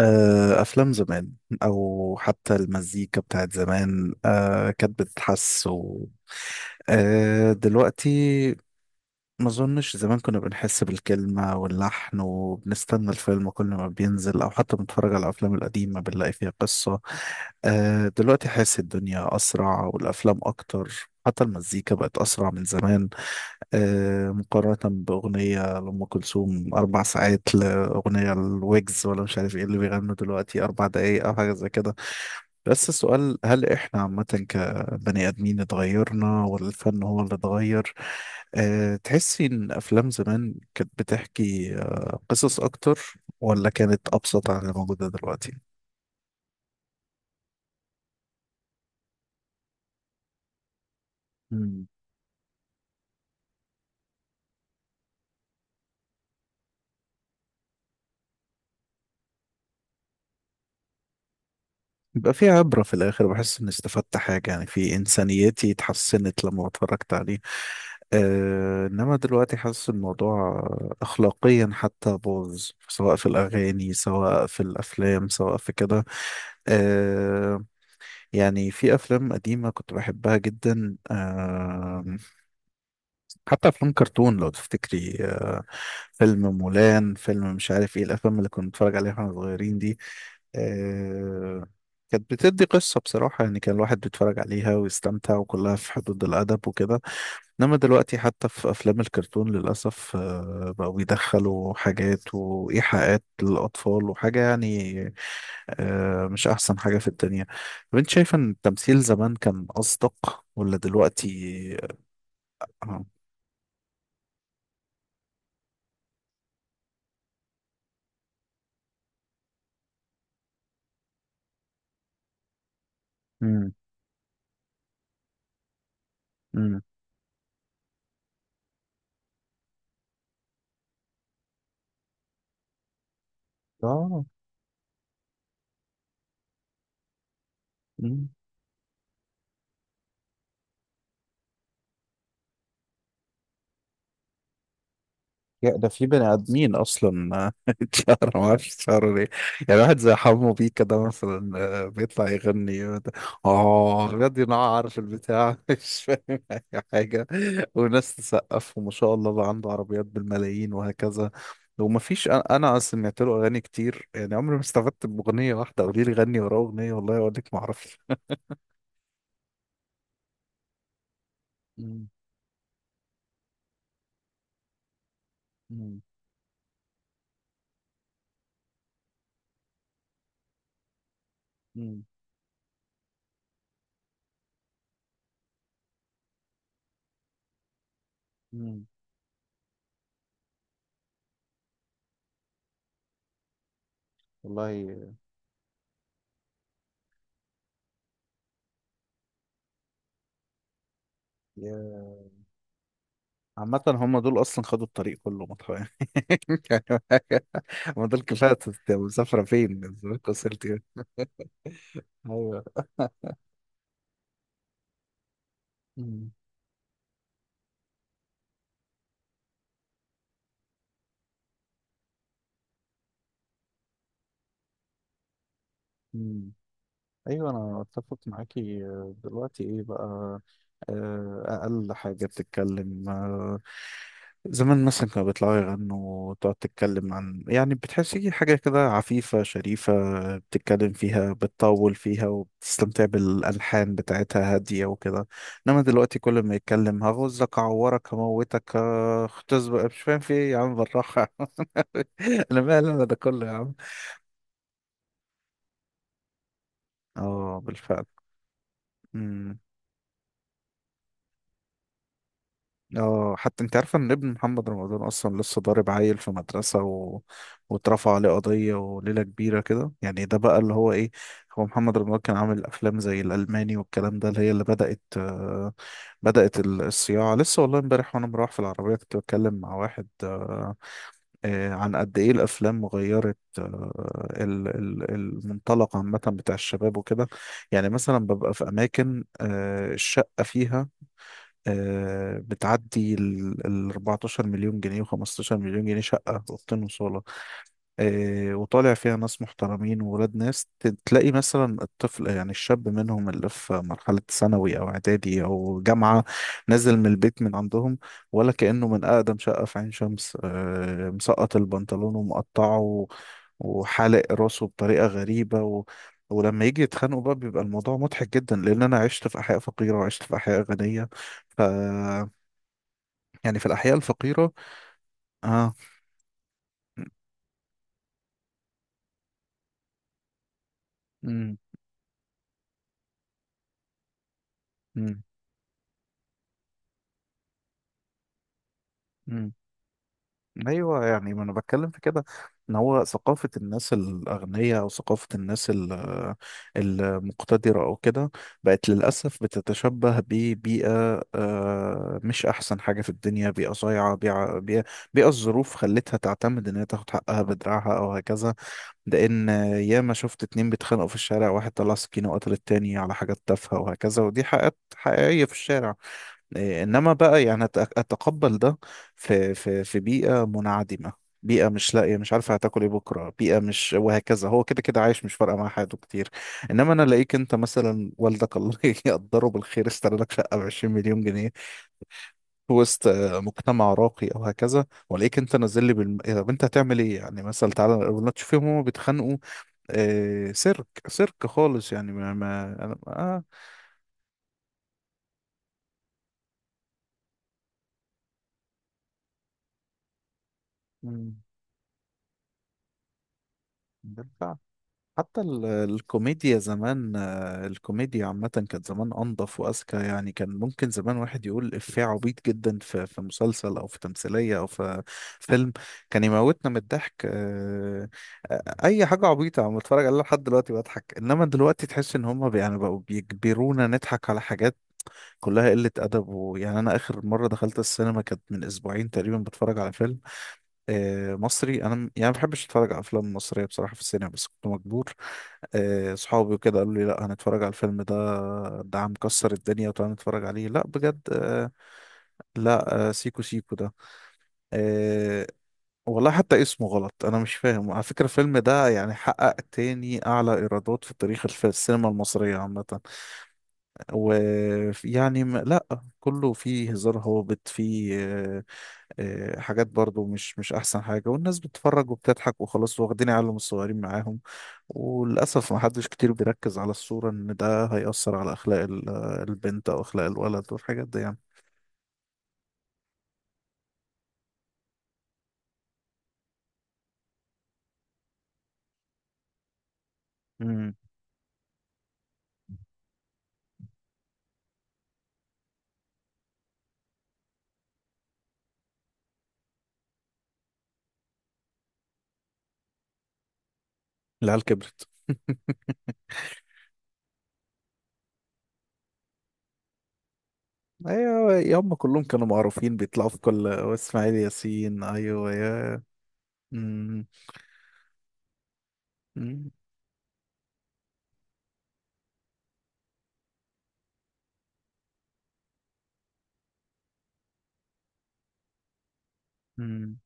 أفلام زمان، أو حتى المزيكا بتاعت زمان، كانت بتتحس و دلوقتي. ما اظنش زمان كنا بنحس بالكلمة واللحن وبنستنى الفيلم كل ما بينزل، او حتى بنتفرج على الافلام القديمة بنلاقي فيها قصة. دلوقتي حاسس الدنيا اسرع والافلام اكتر، حتى المزيكا بقت اسرع من زمان. مقارنة باغنية لأم كلثوم 4 ساعات، لاغنية الويجز ولا مش عارف ايه اللي بيغنوا دلوقتي 4 دقايق او حاجة زي كده. بس السؤال، هل احنا عامة بني آدمين اتغيرنا ولا الفن هو اللي اتغير؟ تحسي إن أفلام زمان كانت بتحكي قصص أكتر ولا كانت أبسط عن اللي موجودة دلوقتي؟ مم. يبقى في عبرة في الآخر، بحس إني استفدت حاجة، يعني في إنسانيتي اتحسنت لما اتفرجت عليه. إنما دلوقتي حاسس الموضوع أخلاقيا حتى باظ، سواء في الأغاني سواء في الأفلام سواء في كده. آه، يعني في افلام قديمه كنت بحبها جدا، حتى افلام كرتون لو تفتكري، فيلم مولان، فيلم مش عارف ايه الافلام اللي كنا بنتفرج عليها واحنا صغيرين دي. آه، كانت بتدي قصه بصراحه، يعني كان الواحد بيتفرج عليها ويستمتع وكلها في حدود الادب وكده. انما دلوقتي حتى في افلام الكرتون للاسف بقوا بيدخلوا حاجات وايحاءات للاطفال وحاجه يعني. مش احسن حاجه في الدنيا. طب انت شايفه ان التمثيل زمان كان اصدق ولا دلوقتي؟ اه. امم. امم. اه، يا ده في بني ادمين اصلا اتشهر ما اعرفش اتشهروا ليه. يعني واحد زي حمو بيه كده مثلا، بيطلع يغني. اه بجد ينعر في البتاع مش فاهم اي حاجه. وناس تسقف وما شاء الله بقى عنده عربيات بالملايين وهكذا. ومفيش، انا سمعت له اغاني كتير، يعني عمري ما استفدت باغنيه واحده. قولي لي غني وراه اغنيه، والله اقول لك ما اعرفش. مم. مم. مم. مم. والله. يا عامة هم دول أصلا خدوا الطريق كله يعني. ما دول كفاية مسافرة فين، الزمالك وصلت إيه؟ ايوه. مم. مم. ايوه انا اتفق معاكي. دلوقتي ايه بقى؟ اقل حاجه بتتكلم. زمان مثلا كانوا بيطلعوا يغنوا وتقعد تتكلم عن، يعني بتحسي حاجه كده عفيفه شريفه، بتتكلم فيها بتطول فيها وبتستمتع بالالحان بتاعتها هاديه وكده. انما دلوقتي كل ما يتكلم، هغزك اعورك هموتك اختزبق، مش فاهم في ايه يا عم بالراحه. انا مالي انا ده كله يا عم. اه بالفعل. مم. اه، حتى انت عارفه ان ابن محمد رمضان اصلا لسه ضارب عيل في مدرسه و... واترفع عليه قضيه وليله كبيره كده. يعني ده بقى اللي هو ايه. هو محمد رمضان كان عامل افلام زي الالماني والكلام ده، اللي هي اللي بدات، بدات الصياعه لسه. والله امبارح وانا مروح في العربيه كنت بتكلم مع واحد، عن قد ايه الافلام غيرت المنطلق عامه بتاع الشباب وكده. يعني مثلا ببقى في اماكن الشقه فيها بتعدي ال ال 14 مليون جنيه و15 مليون جنيه، شقة أوضتين وصالة. وطالع فيها ناس محترمين وولاد ناس. تلاقي مثلا الطفل، يعني الشاب منهم اللي في مرحلة ثانوي أو إعدادي أو جامعة، نازل من البيت من عندهم ولا كأنه من أقدم شقة في عين شمس. مسقط البنطلون ومقطعه وحالق راسه بطريقة غريبة. و ولما يجي يتخانقوا بقى بيبقى الموضوع مضحك جدا، لأن أنا عشت في أحياء فقيرة وعشت في أحياء غنية. ف يعني في الأحياء الفقيرة. اه. امم. امم. امم. ايوه، يعني ما انا بتكلم في كده، ان هو ثقافه الناس الاغنياء او ثقافه الناس المقتدره او كده، بقت للاسف بتتشبه ببيئه مش احسن حاجه في الدنيا، بيئه صايعه، بيئه، بيئة الظروف خلتها تعتمد ان هي تاخد حقها بدراعها او هكذا. ده ان ياما شفت اتنين بيتخانقوا في الشارع، واحد طلع سكينه وقتل التاني على حاجات تافهه وهكذا، ودي حقيقات حقيقيه في الشارع. إيه، انما بقى يعني اتقبل ده في بيئه منعدمه، بيئه مش لاقيه مش عارفه هتاكل ايه بكره، بيئه مش وهكذا، هو كده كده عايش مش فارقه مع حياته كتير. انما انا الاقيك انت مثلا، والدك الله يقدره بالخير اشترى لك شقه ب 20 مليون جنيه في وسط مجتمع راقي او هكذا، والاقيك انت نازل لي بالم... إيه، طب انت هتعمل ايه؟ يعني مثلا تعالى ولا تشوفهم هما بيتخانقوا. آه، سيرك سيرك خالص، يعني ما, ما... أنا... آه. مم. حتى الكوميديا زمان، الكوميديا عامة كانت زمان أنظف وأذكى، يعني كان ممكن زمان واحد يقول إفيه عبيط جدا في في مسلسل أو في تمثيلية أو في فيلم كان يموتنا من الضحك. أي حاجة عبيطة أنا بتفرج عليها لحد دلوقتي بضحك. إنما دلوقتي تحس إن هما يعني بقوا بيجبرونا نضحك على حاجات كلها قلة أدب، ويعني أنا آخر مرة دخلت السينما كانت من أسبوعين تقريبا، بتفرج على فيلم مصري. انا يعني ما بحبش اتفرج على افلام مصريه بصراحه في السينما، بس كنت مجبور. صحابي وكده قالوا لي لا هنتفرج على الفيلم ده، ده عم مكسر الدنيا وتعالى نتفرج عليه لا بجد. لا سيكو سيكو ده. آه، والله حتى اسمه غلط، انا مش فاهم. على فكره الفيلم ده يعني حقق تاني اعلى ايرادات في تاريخ السينما المصريه عامه. ويعني لا، كله فيه هزار هابط، فيه حاجات برضو مش احسن حاجة، والناس بتتفرج وبتضحك وخلاص، واخدين عيالهم الصغيرين معاهم. وللأسف ما حدش كتير بيركز على الصورة ان ده هيأثر على اخلاق البنت او اخلاق الولد والحاجات دي يعني. امم. العيال كبرت ايوه يا، هم كلهم كانوا معروفين بيطلعوا في كل، اسماعيل ياسين ايوه يا. مم. مم. مم.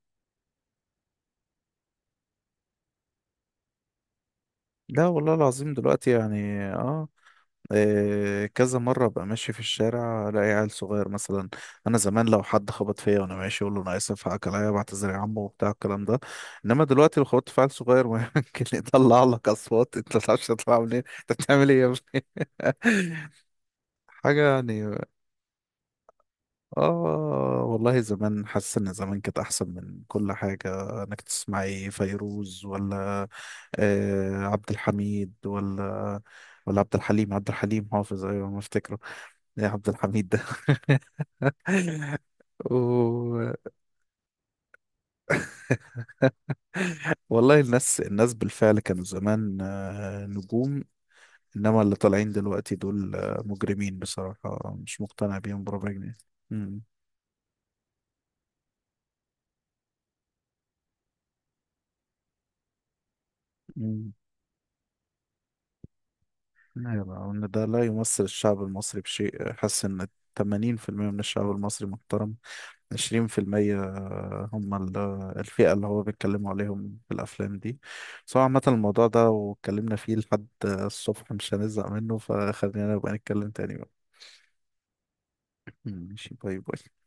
لا والله العظيم دلوقتي يعني. اه، كذا مرة أبقى ماشي في الشارع ألاقي عيل صغير مثلا. أنا زمان لو حد خبط فيا وأنا ماشي أقول له أنا آسف، حقك عليا، بعتذر يا عمو وبتاع الكلام ده. إنما دلوقتي لو خبطت في عيل صغير ممكن يطلع لك أصوات أنت ما تعرفش تطلع منين، أنت بتعمل إيه يا ابني حاجة يعني. والله زمان حاسس إن زمان كانت أحسن من كل حاجة، إنك تسمعي فيروز ولا عبد الحميد ولا، ولا عبد الحليم. عبد الحليم حافظ، أيوة ما أفتكره. يا عبد الحميد ده و... والله، الناس بالفعل كانوا زمان نجوم، انما اللي طالعين دلوقتي دول مجرمين بصراحة، مش مقتنع بيهم بربع جنيه. امم. امم. ايوه، ان ده لا يمثل الشعب المصري بشيء. حاسس ان 80% من الشعب المصري محترم، 20% هم الفئة اللي هو بيتكلموا عليهم في الأفلام دي. بس هو عامة الموضوع ده واتكلمنا فيه لحد الصبح مش هنزهق منه، فخلينا نبقى نتكلم تاني بقى. ماشي، باي باي.